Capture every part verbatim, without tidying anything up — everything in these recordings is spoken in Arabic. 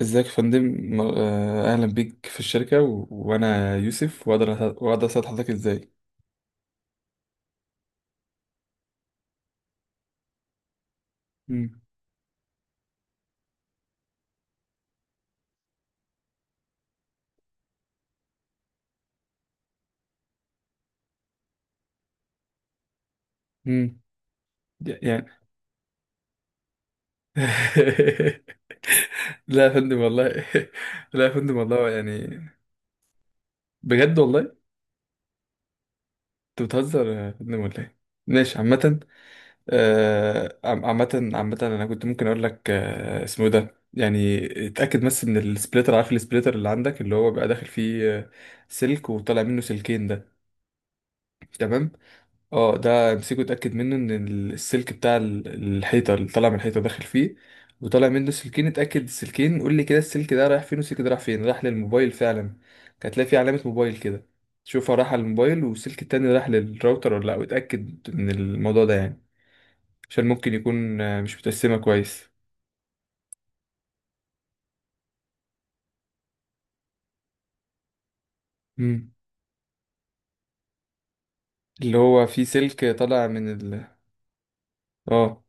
ازيك يا فندم؟ م- آه، اهلا بيك في الشركه و... وانا يوسف، واقدر أسا- واقدر اساعد حضرتك ازاي؟ مم. مم. ي- يعني. لا يا فندم والله. لا يا فندم والله يعني. بجد والله. انت بتهزر يا فندم ولا ايه؟ ماشي عامه. آه، عم- عامه عامه انا كنت ممكن اقول لك، آه، اسمه إيه ده يعني. اتاكد بس من السبليتر، عارف السبليتر اللي عندك، اللي هو بقى داخل فيه آه، سلك وطالع منه سلكين ده. تمام. اه ده امسكه، اتاكد منه ان السلك بتاع ال- الحيطه، اللي طالع من الحيطه داخل فيه وطالع منه سلكين. اتاكد السلكين، قول لي كده، السلك ده رايح فين والسلك ده رايح فين، راح للموبايل فعلا؟ كانت هتلاقي فيه علامه موبايل كده، تشوفها راح على الموبايل والسلك التاني راح للراوتر ولا لا، واتاكد من الموضوع ده يعني. عشان ممكن يكون آه، مش متقسمه كويس. امم. اللي هو فيه سلك طالع من ال، اه.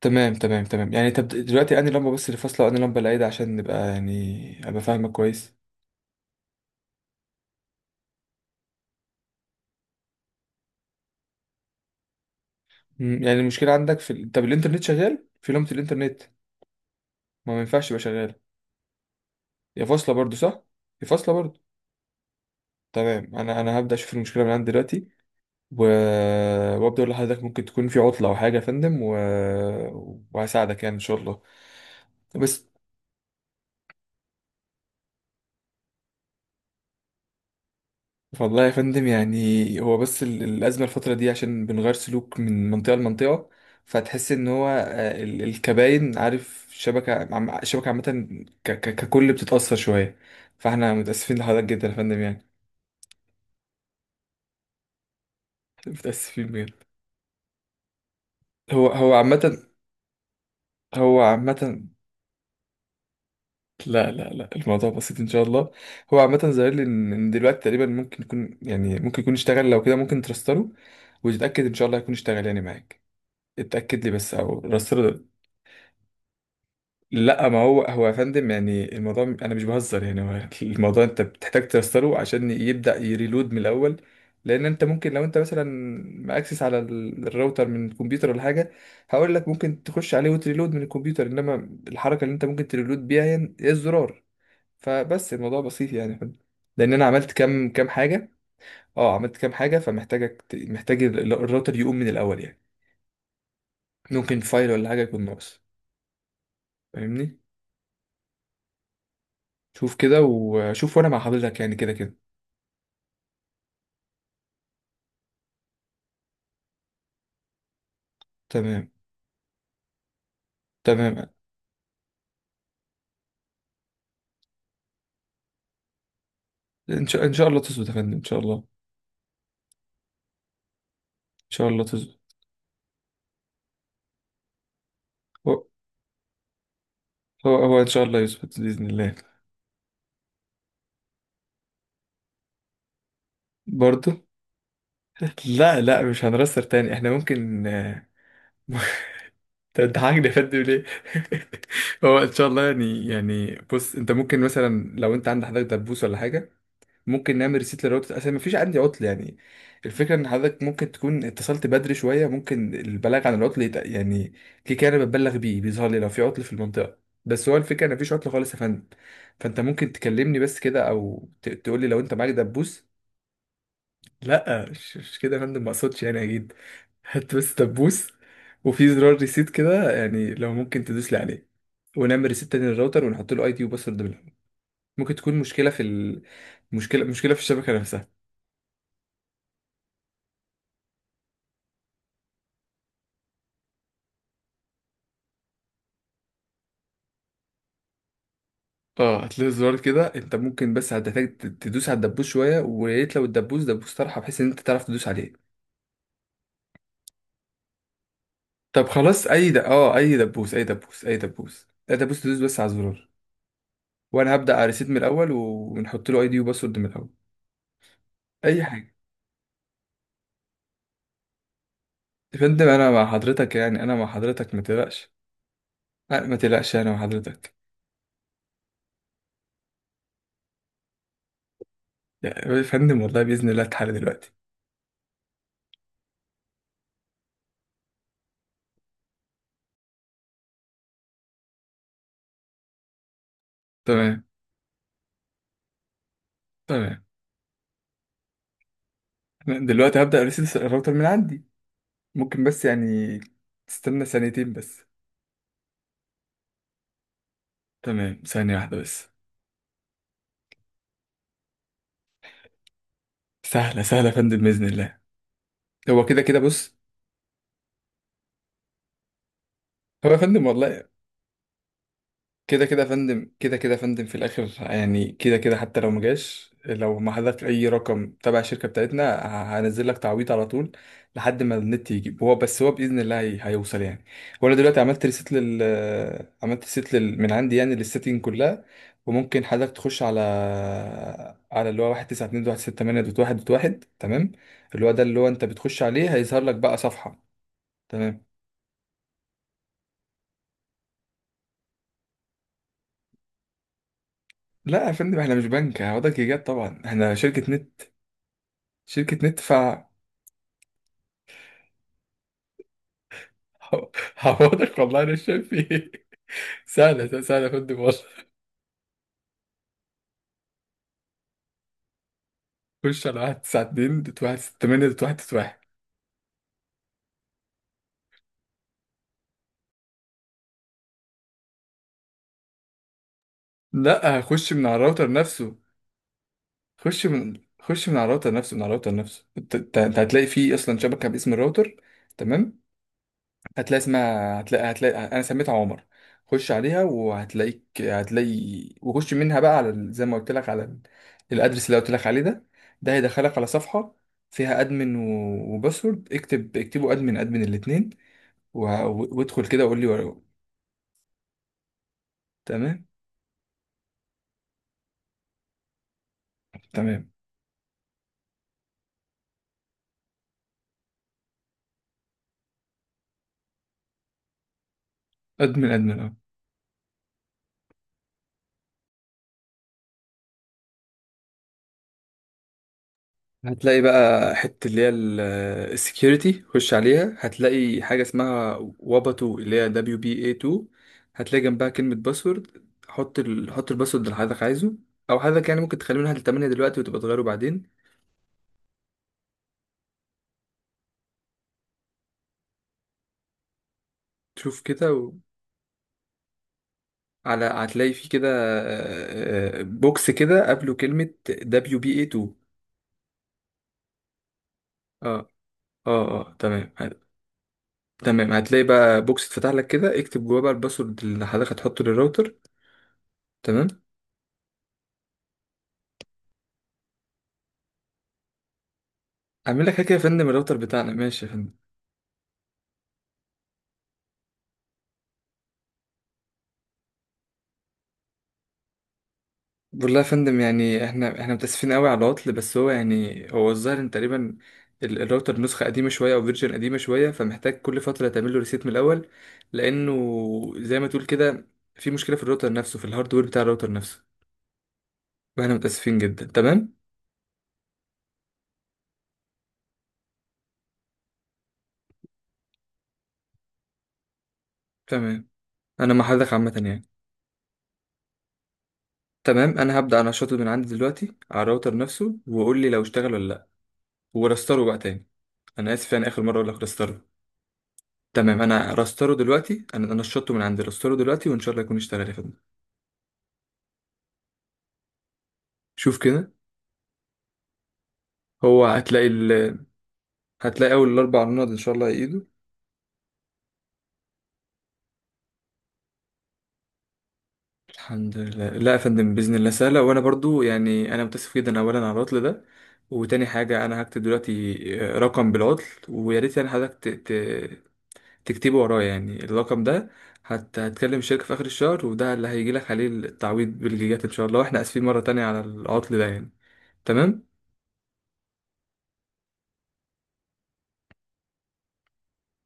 تمام تمام تمام. يعني طب دلوقتي انهي لمبه بس اللي فاصله، وانهي لمبه اللي عايده، عشان نبقى يعني ابقى فاهمك كويس. مم، يعني المشكلة عندك في ال- طب الإنترنت شغال؟ في لمبة الإنترنت ما ما ينفعش يبقى شغال. هي فاصلة برضو صح؟ هي فاصلة برضو. تمام، أنا أنا هبدأ أشوف المشكلة من عندي دلوقتي، و... وأبدأ أقول لحضرتك ممكن تكون في عطلة أو حاجة يا فندم، و... وهساعدك يعني إن شاء الله. بس، والله يا فندم يعني هو بس ال- الأزمة الفترة دي عشان بنغير سلوك من منطقة لمنطقة، فتحس إن هو آه، ال- الكباين، عارف الشبكة عم- الشبكة عامة ك- ك- ككل بتتأثر شوية. فاحنا متأسفين لحضرتك جدا يا فندم يعني. متأسفين بجد. هو هو عامة، هو عامة، لا لا لا، الموضوع بسيط إن شاء الله. هو عامة ظاهر لي إن إن دلوقتي تقريبا ممكن يكون، يعني ممكن يكون اشتغل. لو كده ممكن ترستله وتتأكد إن شاء الله يكون اشتغل يعني معاك. اتأكد لي بس أو رستله. لا، ما هو هو يا فندم يعني الموضوع م- انا مش بهزر يعني هو الموضوع. انت بتحتاج ترستره عشان يبدا يريلود من الاول. لان انت ممكن، لو انت مثلا ماكسس على ال- الراوتر من الكمبيوتر ولا حاجه، هقول لك ممكن تخش عليه وتريلود من الكمبيوتر، انما الحركه اللي انت ممكن تريلود بيها هي هي الزرار. فبس الموضوع بسيط يعني يا فندم. لان انا عملت كام كام حاجه. اه عملت كام حاجه فمحتاجك ت- محتاج ال- الراوتر يقوم من الاول يعني. ممكن فايل ولا حاجه يكون ناقص. فاهمني؟ شوف كده وشوف وانا مع حضرتك يعني، كده كده. تمام. تمام. إن شاء إن شاء الله تظبط يا فندم، إن شاء الله إن شاء الله تظبط. هو هو هو إن شاء الله يظبط بإذن الله. برضه. لا لا، مش هنرسر تاني، إحنا ممكن آه، انت بتضحكني يا فندم ليه؟ هو ان شاء الله يعني. يعني بص انت ممكن مثلا، لو انت عندك حضرتك دبوس ولا حاجه، ممكن نعمل ريسيت لراوتر. اصلا مفيش عندي عطل يعني. الفكره ان حضرتك ممكن تكون اتصلت بدري شويه، ممكن البلاغ عن العطل يت- يعني كده كده انا بتبلغ بيه بيظهر لي لو في عطل في المنطقه. بس هو الفكره ان مفيش عطل خالص يا فندم. فانت ممكن تكلمني بس كده، او ت- تقول لي لو انت معاك دبوس. لا مش مش كده يا فندم، ما اقصدش يعني، اكيد. هات بس دبوس، وفي زرار ريسيت كده، يعني لو ممكن تدوس لي عليه ونعمل ريسيت تاني للراوتر، ونحط له اي دي وباسورد بالهم. ممكن تكون مشكله في ال، مشكله مشكله في الشبكه نفسها. اه هتلاقي الزرار كده، انت ممكن بس هتحتاج تدوس على الدبوس شويه، ويا ريت لو الدبوس دبوس طرحه بحيث ان انت تعرف تدوس عليه. طب خلاص اي د... اه اي دبوس اي دبوس اي دبوس اي دبوس، تدوس بس على الزرار، وانا هبدا على ريسيت من الاول و- ونحط له اي دي وباسورد من الاول. اي حاجه يا فندم، انا مع حضرتك يعني، انا مع حضرتك، ما تقلقش. أه، ما تقلقش انا مع حضرتك. يا فندم والله باذن الله اتحل دلوقتي. تمام. تمام. أنا دلوقتي هبدا ريسيت الراوتر من عندي. ممكن بس يعني تستنى ثانيتين بس. تمام، ثانية واحدة بس. سهلة سهلة يا فندم بإذن الله. هو كده كده بص. هو يا فندم والله كده كده يا فندم، كده كده يا فندم في الآخر يعني، كده كده حتى لو ما جاش، لو ما حضرتك أي رقم تبع الشركة بتاعتنا، ه- هنزل لك تعويض على طول لحد ما النت يجيب. هو بس هو بإذن الله هي- هيوصل يعني. وأنا دلوقتي عملت ريست لل، عملت ريست لل... من عندي يعني للسيتنج كلها. وممكن حضرتك تخش على، على اللي هو واحد تسعة اتنين واحد ستة تمانية دوت واحد دوت واحد. تمام. اللي هو ده اللي هو أنت بتخش عليه، هيظهر لك بقى صفحة. تمام. لا يا فندم، احنا مش بنك هعوضك ايجار، طبعا احنا شركة نت، شركة نت ف هعوضك والله انا شايف ايه. سهلة سهلة يا فندم والله. خش على واحد تسعة اتنين دوت واحد ستة تمانية دوت واحد تسعة واحد. لا خش من على الراوتر نفسه. خش من خش من على الراوتر نفسه، من على الراوتر نفسه. انت انت- انت هتلاقي فيه اصلا شبكة باسم الراوتر. تمام. هتلاقي اسمها، هتلاقي هتلاقي انا سميتها عمر. خش عليها وهتلاقيك، هتلاقي وخش منها بقى على ال- زي ما قلت لك على ال- الادرس اللي قلت لك عليه ده. ده هيدخلك على صفحه فيها ادمن و- وباسورد. اكتب اكتبوا ادمن ادمن الاثنين، وادخل كده وقول لي ورا- تمام. تمام. ادمن ادمن، اه. هتلاقي بقى حتة اللي هي السكيورتي، خش عليها، هتلاقي حاجة اسمها واباتو اللي هي دبليو بي اي اتنين. هتلاقي جنبها كلمة باسورد، حط ال... حط الباسورد اللي حضرتك عايزه، او حضرتك يعني ممكن تخليه من واحد ل تمانية دلوقتي وتبقى تغيره بعدين. تشوف كده و... على، هتلاقي في كده آه، آه، بوكس كده قبله كلمة دبليو بي اي اتنين. اه. اه. اه تمام هت- تمام هتلاقي بقى بوكس اتفتح لك كده، اكتب جواه بقى الباسورد اللي حضرتك هتحطه للراوتر. تمام. اعمل لك حكايه يا فندم؟ الراوتر بتاعنا ماشي يا فندم. بقول لها يا فندم يعني احنا احنا متاسفين قوي على العطل، بس هو يعني هو الظاهر ان تقريبا ال- الراوتر نسخه قديمه شويه او فيرجن قديمه شويه، فمحتاج كل فتره تعمل له ريسيت من الاول. لانه زي ما تقول كده في مشكله في الراوتر نفسه، في الهاردوير بتاع الراوتر نفسه. واحنا متاسفين جدا. تمام. تمام انا مع حضرتك عامه يعني. تمام، انا هبدا انشطه من عندي دلوقتي على الراوتر نفسه، وقول لي لو اشتغل ولا لا، ورستره بقى تاني. انا اسف يعني اخر مره اقول لك رستره. تمام انا رستره دلوقتي، انا انا شطه من عندي، رستره دلوقتي، وان شاء الله يكون اشتغل يا فندم. شوف كده. هو هتلاقي ال... هتلاقي اول الاربع نقط ان شاء الله ايده. الحمد لله. لا يا فندم باذن الله سهله. وانا برضو يعني انا متاسف جدا اولا على العطل ده، وتاني حاجه انا هكتب دلوقتي رقم بالعطل، ويا ريت يعني حضرتك ت... ت... تكتبه ورايا يعني الرقم ده. هت... هتكلم الشركه في اخر الشهر وده اللي هيجي لك عليه التعويض بالجيجات ان شاء الله. واحنا اسفين مره تانية على العطل ده يعني. تمام.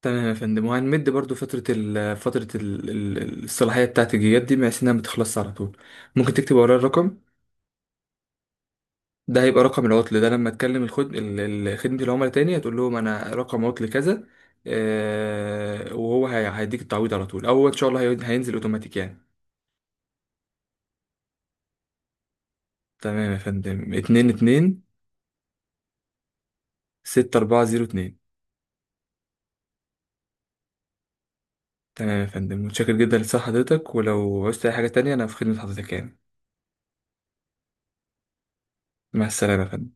تمام يا فندم، وهنمد برضو فترة ال، فترة ال ال- الصلاحية بتاعت الجيجات دي بحيث إنها متخلصش على طول. ممكن تكتب ورايا الرقم؟ ده هيبقى رقم العطل، ده لما تكلم الخد ال- ال- خدمة العملاء تاني هتقول لهم أنا رقم عطل كذا، آه وهو هي- هيديك التعويض على طول، أو إن شاء الله هي- هينزل أوتوماتيك يعني. تمام يا فندم، اتنين اتنين ستة أربعة زيرو اتنين. تمام يا فندم، متشكر جدا لصحة حضرتك، ولو عوزت أي حاجة تانية أنا في خدمة حضرتك يعني. مع السلامة يا فندم.